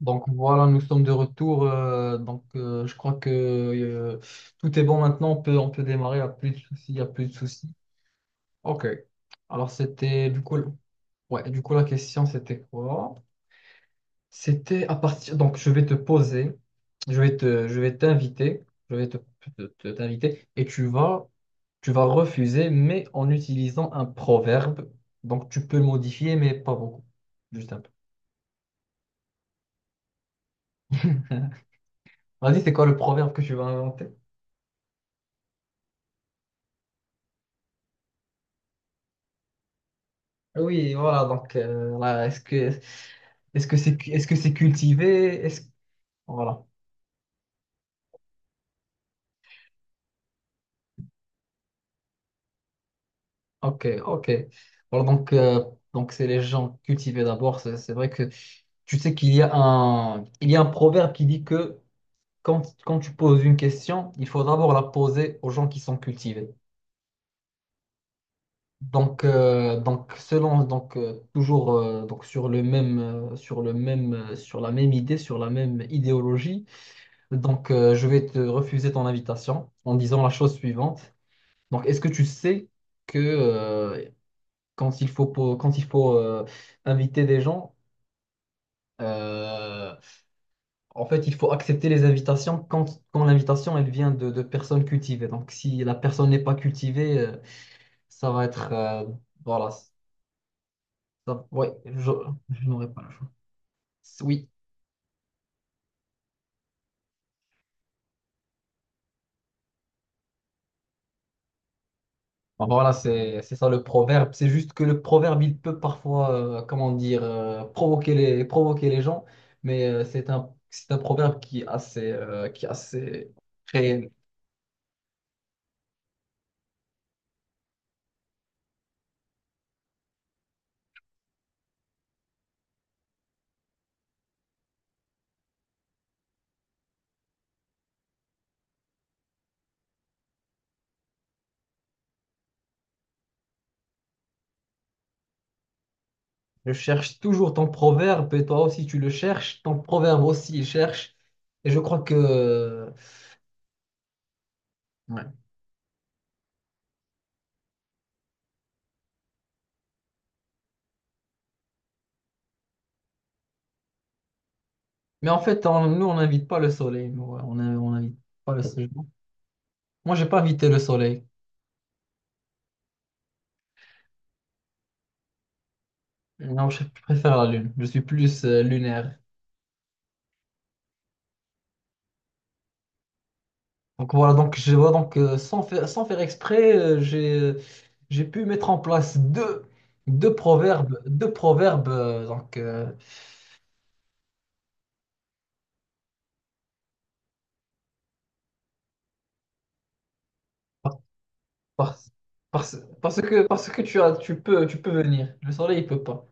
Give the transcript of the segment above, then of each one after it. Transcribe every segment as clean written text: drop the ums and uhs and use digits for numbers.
Donc voilà, nous sommes de retour. Je crois que tout est bon maintenant. On peut démarrer. Il n'y a plus de soucis. Il n'y a plus de soucis. OK. Alors c'était du coup, ouais, du coup la question c'était quoi? C'était à partir. Donc je vais te poser. Je vais t'inviter. Je vais te, t'inviter et tu vas refuser, mais en utilisant un proverbe. Donc tu peux le modifier, mais pas beaucoup. Juste un peu. Vas-y, c'est quoi le proverbe que tu vas inventer? Oui, voilà, là, est-ce que c'est cultivé? Est-ce voilà. OK, OK. Voilà, donc c'est les gens cultivés d'abord, c'est vrai que tu sais qu'il y a un proverbe qui dit que quand tu poses une question, il faut d'abord la poser aux gens qui sont cultivés. Donc selon donc toujours donc sur le même sur la même idée, sur la même idéologie. Donc, je vais te refuser ton invitation en disant la chose suivante. Donc, est-ce que tu sais que quand quand il faut inviter des gens, euh, en fait, il faut accepter les invitations quand l'invitation, elle vient de personnes cultivées. Donc, si la personne n'est pas cultivée, ça va être... voilà. Ouais, je n'aurai pas le choix. Oui. Bon, voilà, c'est ça le proverbe. C'est juste que le proverbe, il peut parfois, comment dire, provoquer provoquer les gens, mais c'est c'est un proverbe qui est qui est assez réel. Je cherche toujours ton proverbe et toi aussi tu le cherches, ton proverbe aussi il cherche. Et je crois que... ouais. Mais en fait, nous, on n'invite pas le soleil. Nous, ouais, on n'invite pas le soleil. Moi, j'ai pas invité le soleil. Non, je préfère la lune. Je suis plus lunaire. Donc voilà, donc je vois sans faire, sans faire exprès, j'ai pu mettre en place deux, deux proverbes. par- par- Parce, parce que tu as tu peux venir, le soleil il peut pas.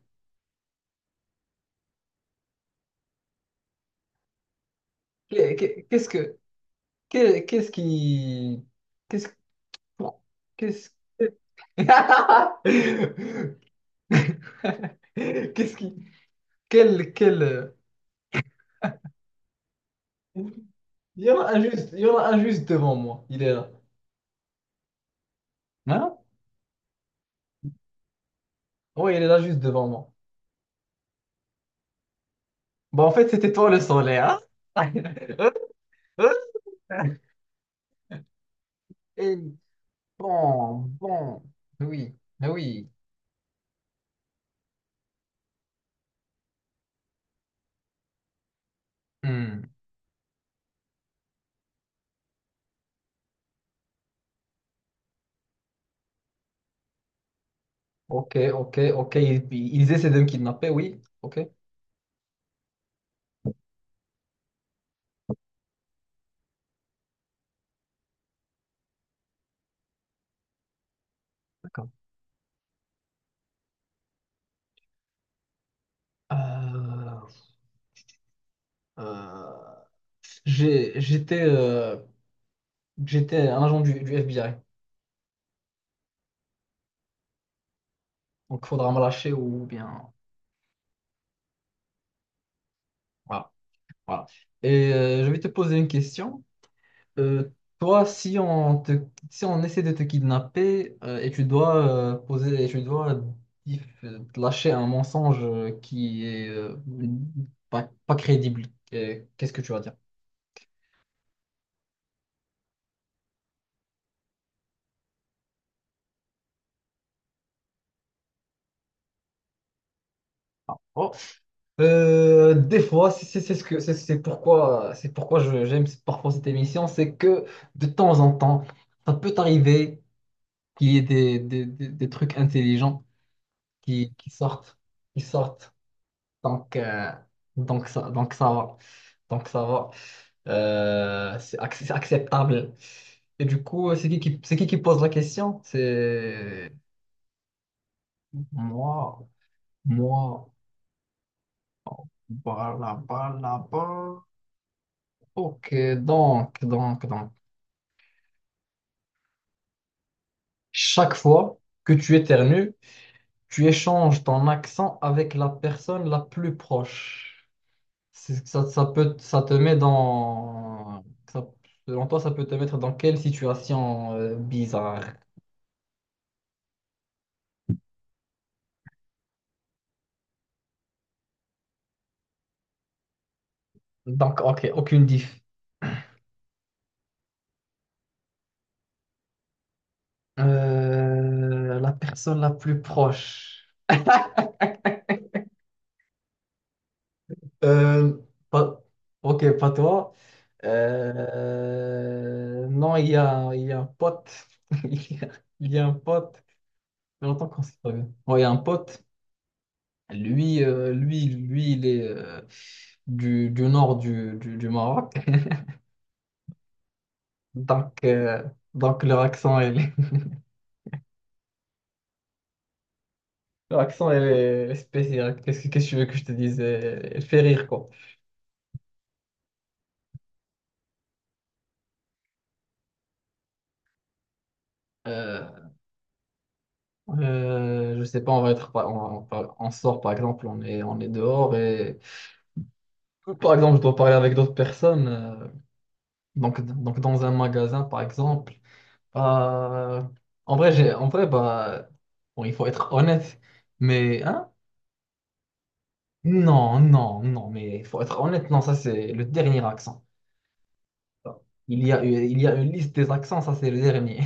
Qu'est-ce que qu'est- qu'est-ce qui qu'est-ce pour- qu'est-ce que- qu'est-ce qui quel quel il y en a un juste devant moi, il est là. Hein? Oui, il est là juste devant moi. Bon, en fait, c'était toi le soleil, hein? Et bon, oui, oui. Hmm. Ok. Ils essaient de me kidnapper, oui. Ok, d'accord. Euh, euh, j'étais j'étais un agent du FBI. Donc, faudra me lâcher ou bien. Voilà, voilà. Et je vais te poser une question. Euh, toi, si on essaie de te kidnapper et tu dois poser, et tu dois dif- lâcher un mensonge qui est pas crédible, qu'est-ce que tu vas dire? Oh, des fois, c'est ce que, c'est pourquoi j'aime parfois cette émission, c'est que de temps en temps, ça peut arriver qu'il y ait des trucs intelligents qui, qui sortent. Donc, donc ça va. Donc ça va. C'est acceptable. Et du coup, c'est qui pose la question? C'est moi, moi, voilà, voilà, voilà. Ok, donc. Chaque fois que tu éternues, tu échanges ton accent avec la personne la plus proche. Ça, ça te met dans... ça- selon toi, ça peut te mettre dans quelle situation bizarre? Donc, ok, aucune diff. La personne la plus proche. Euh, pas- ok, pas toi. Non, il y a un pote. Il y a, il y a un pote. Ça fait longtemps qu'on s'est pas vu. Ouais, il y a un pote. Lui, lui, il est du nord du Maroc. Donc, euh, donc leur accent, elle est, leur accent, elle est spéciale. Qu'est-ce que tu veux que je te dise? Elle fait rire, quoi. Euh, je sais pas, on sort par exemple, on est dehors et par exemple, je dois parler avec d'autres personnes. Donc dans un magasin par exemple, Euh, en vrai, en vrai, il faut être honnête, mais hein? Non, mais il faut être honnête, non, ça c'est le dernier accent. Il y a une liste des accents, ça c'est le dernier.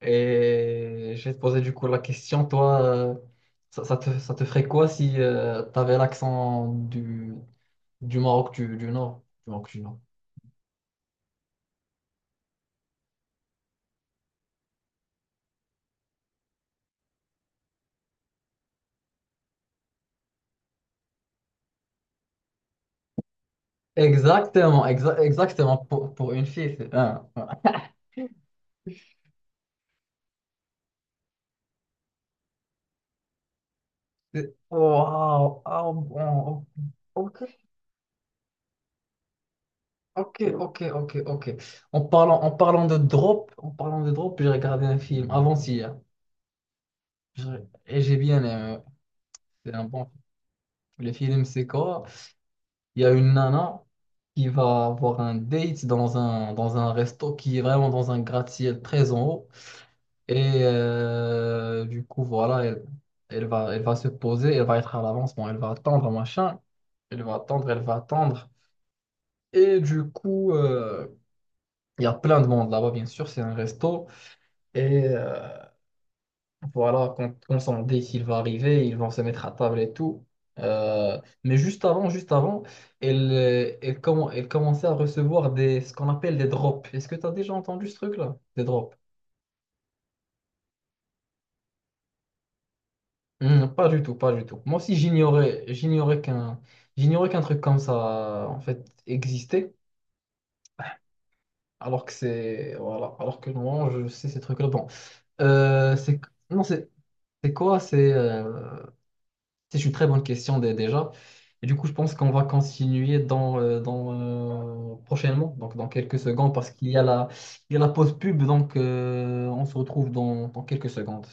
Et je vais te poser du coup la question, toi, ça te ferait quoi si tu avais l'accent du Maroc du Nord? Du Maroc du Nord. Exactement, exactement, pour une fille. Ah, ah. Waouh, ah, bon, ok, ok, ok. En parlant de drop, en parlant de drop, j'ai regardé un film avant-hier. J'ai- et j'ai bien aimé. C'est un bon film. Le film, c'est quoi? Il y a une nana qui va avoir un date dans un resto qui est vraiment dans un gratte-ciel très en haut. Et du coup, voilà, elle va se poser, elle va être à l'avance, bon, elle va attendre, machin. Elle va attendre. Et du coup, il y a plein de monde là-bas, bien sûr, c'est un resto. Et voilà, quand Sandy, s'il va arriver, ils vont se mettre à table et tout. Juste avant, elle, elle commençait à recevoir des, ce qu'on appelle des drops. Est-ce que tu as déjà entendu ce truc-là? Des drops. Hmm, pas du tout, pas du tout. Moi aussi, j'ignorais qu'un truc comme ça, en fait, existait. Alors que c'est, voilà, alors que normalement, je sais ces trucs-là. Bon, c'est, non, c'est quoi? C'est une très bonne question déjà. Et du coup, je pense qu'on va continuer prochainement, donc dans quelques secondes, parce qu'il y a il y a la pause pub, donc on se retrouve dans quelques secondes.